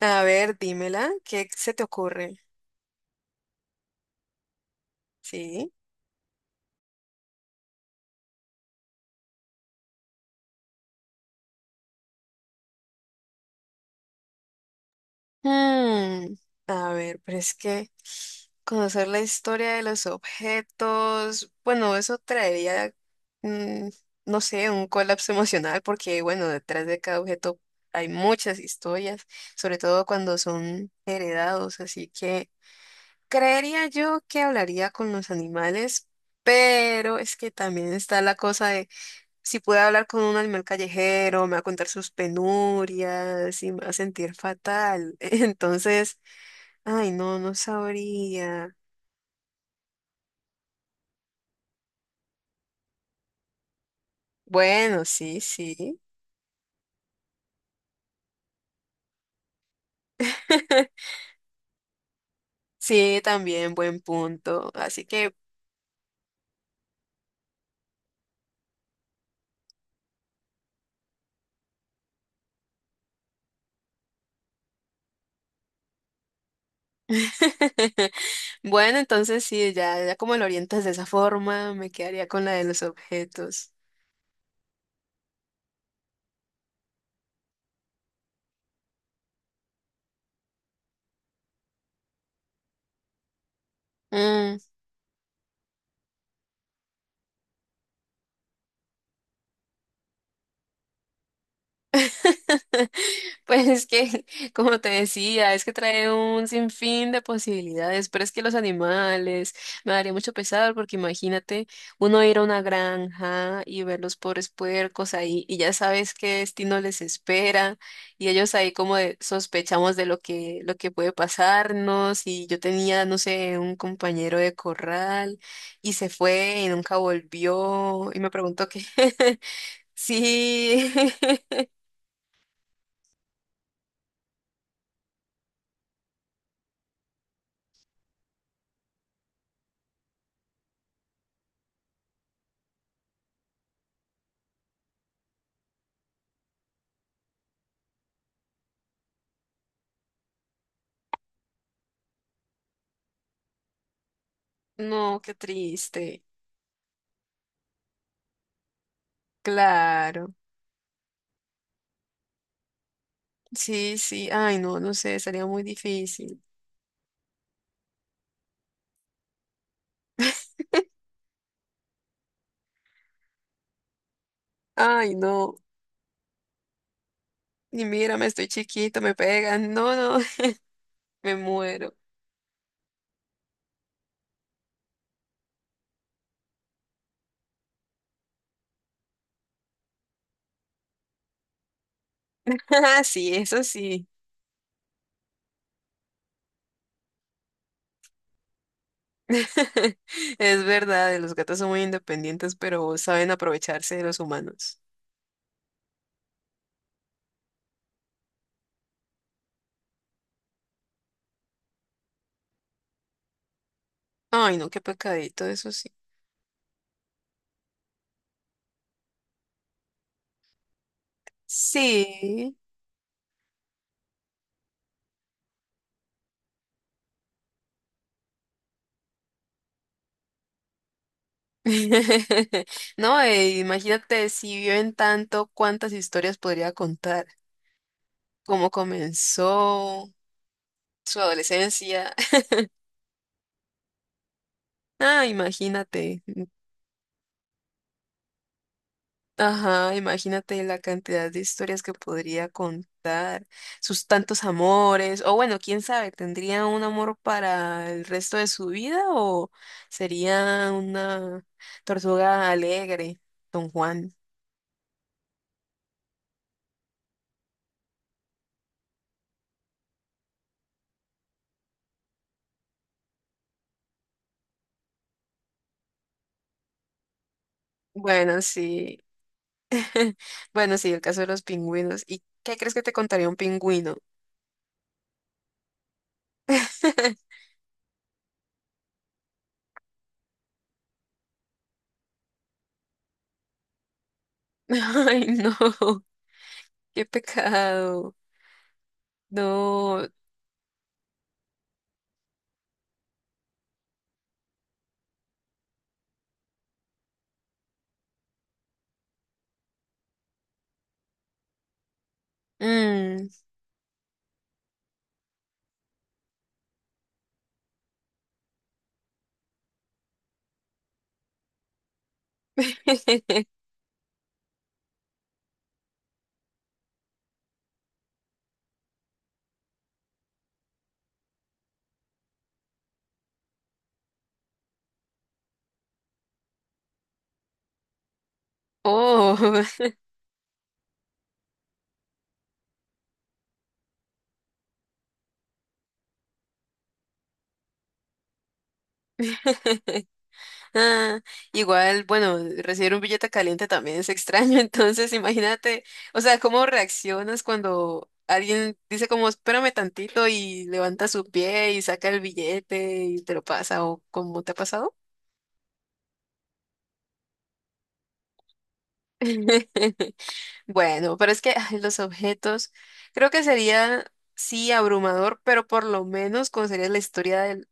A ver, dímela, ¿qué se te ocurre? Sí. Hmm, A ver, pero es que conocer la historia de los objetos, bueno, eso traería, mm, no sé, un colapso emocional, porque bueno, detrás de cada objeto hay muchas historias, sobre todo cuando son heredados, así que creería yo que hablaría con los animales, pero es que también está la cosa de si pude hablar con un animal callejero, me va a contar sus penurias y me va a sentir fatal. Entonces, ay, no, no sabría. Bueno, sí, sí. Sí, también buen punto. Así que, bueno, entonces sí, ya como lo orientas de esa forma, me quedaría con la de los objetos. Mm. Pues es que, como te decía, es que trae un sinfín de posibilidades, pero es que los animales me daría mucho pesar porque imagínate uno ir a una granja y ver los pobres puercos ahí y ya sabes qué destino les espera y ellos ahí como de- sospechamos de lo que puede pasarnos y yo tenía, no sé, un compañero de corral y se fue y nunca volvió y me preguntó qué. Sí, no, qué triste. Claro. Sí, sí. Ay, no, no sé, sería muy difícil. Ay, no. Y mírame, estoy chiquito, me pegan. No, no, me muero. Sí, eso sí. Es verdad, los gatos son muy independientes, pero saben aprovecharse de los humanos. Ay, no, qué pecadito, eso sí. Sí. No, imagínate si viven tanto, cuántas historias podría contar, cómo comenzó su adolescencia. Ah, imagínate. Ajá, imagínate la cantidad de historias que podría contar, sus tantos amores, o bueno, quién sabe, ¿tendría un amor para el resto de su vida o sería una tortuga alegre, Don Juan? Bueno, sí. Bueno, sí, el caso de los pingüinos. ¿Y qué crees que te contaría un pingüino? Ay, no, qué pecado. No. Mm. Oh. Ah, igual, bueno, recibir un billete caliente también es extraño, entonces imagínate, o sea, cómo reaccionas cuando alguien dice como, espérame tantito y levanta su pie y saca el billete y te lo pasa, o cómo te ha pasado. Bueno, pero es que ay, los objetos, creo que sería, sí, abrumador, pero por lo menos conocerías la historia del-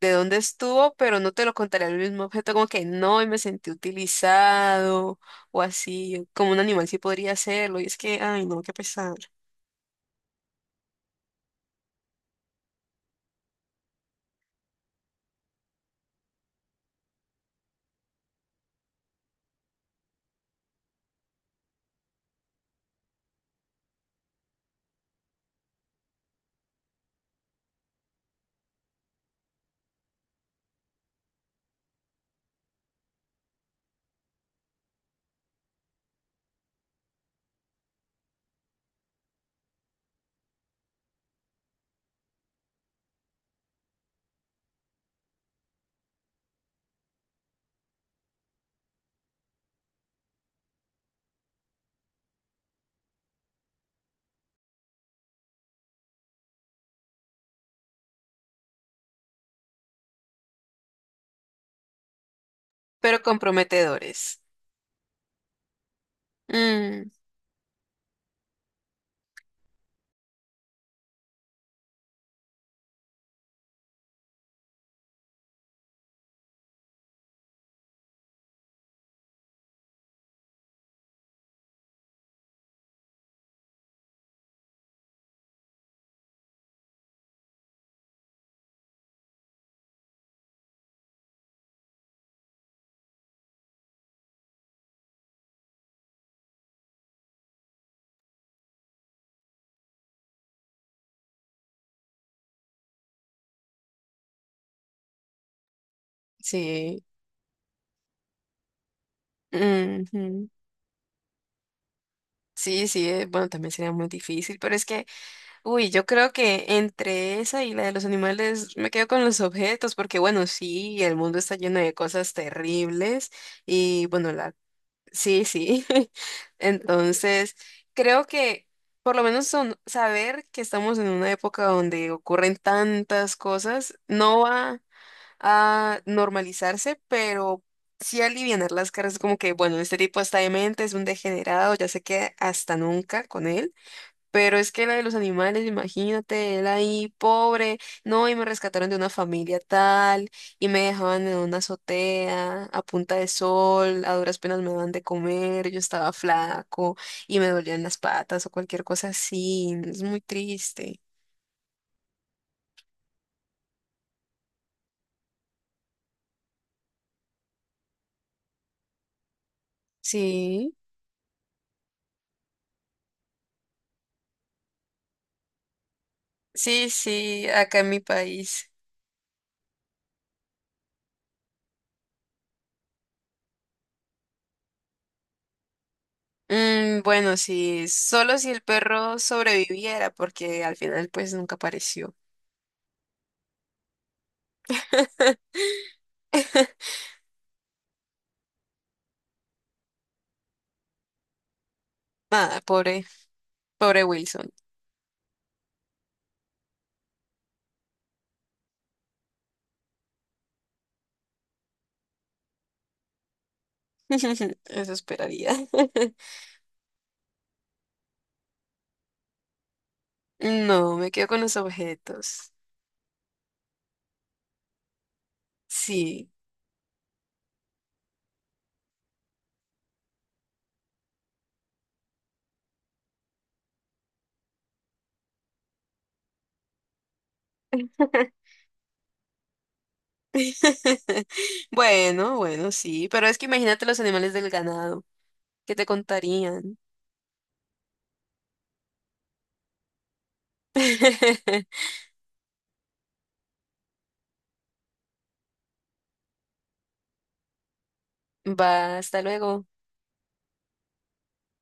de dónde estuvo, pero no te lo contaría el mismo objeto, como que no, y me sentí utilizado o así, como un animal sí podría hacerlo, y es que, ay, no, qué pesar. Pero comprometedores. Mm, sí. Ujú. Sí, sí, bueno, también sería muy difícil, pero es que, uy, yo creo que entre esa y la de los animales me quedo con los objetos, porque bueno, sí, el mundo está lleno de cosas terribles y bueno, la... Sí, sí. Entonces, creo que por lo menos son, saber que estamos en una época donde ocurren tantas cosas no va a normalizarse, pero sí alivianar las caras como que, bueno, este tipo está demente, es un degenerado, ya se queda hasta nunca con él. Pero es que la de los animales, imagínate, él ahí pobre, no, y me rescataron de una familia tal, y me dejaban en una azotea a punta de sol, a duras penas me daban de comer, yo estaba flaco y me dolían las patas o cualquier cosa así, es muy triste. Sí. Sí, sí, acá en mi país. Mm, bueno, sí, solo si el perro sobreviviera, porque al final pues nunca apareció. Nada, pobre, pobre Wilson. Eso esperaría. No, me quedo con los objetos. Sí. Bueno, bueno, sí, pero es que imagínate los animales del ganado, ¿qué te contarían? Va, hasta luego.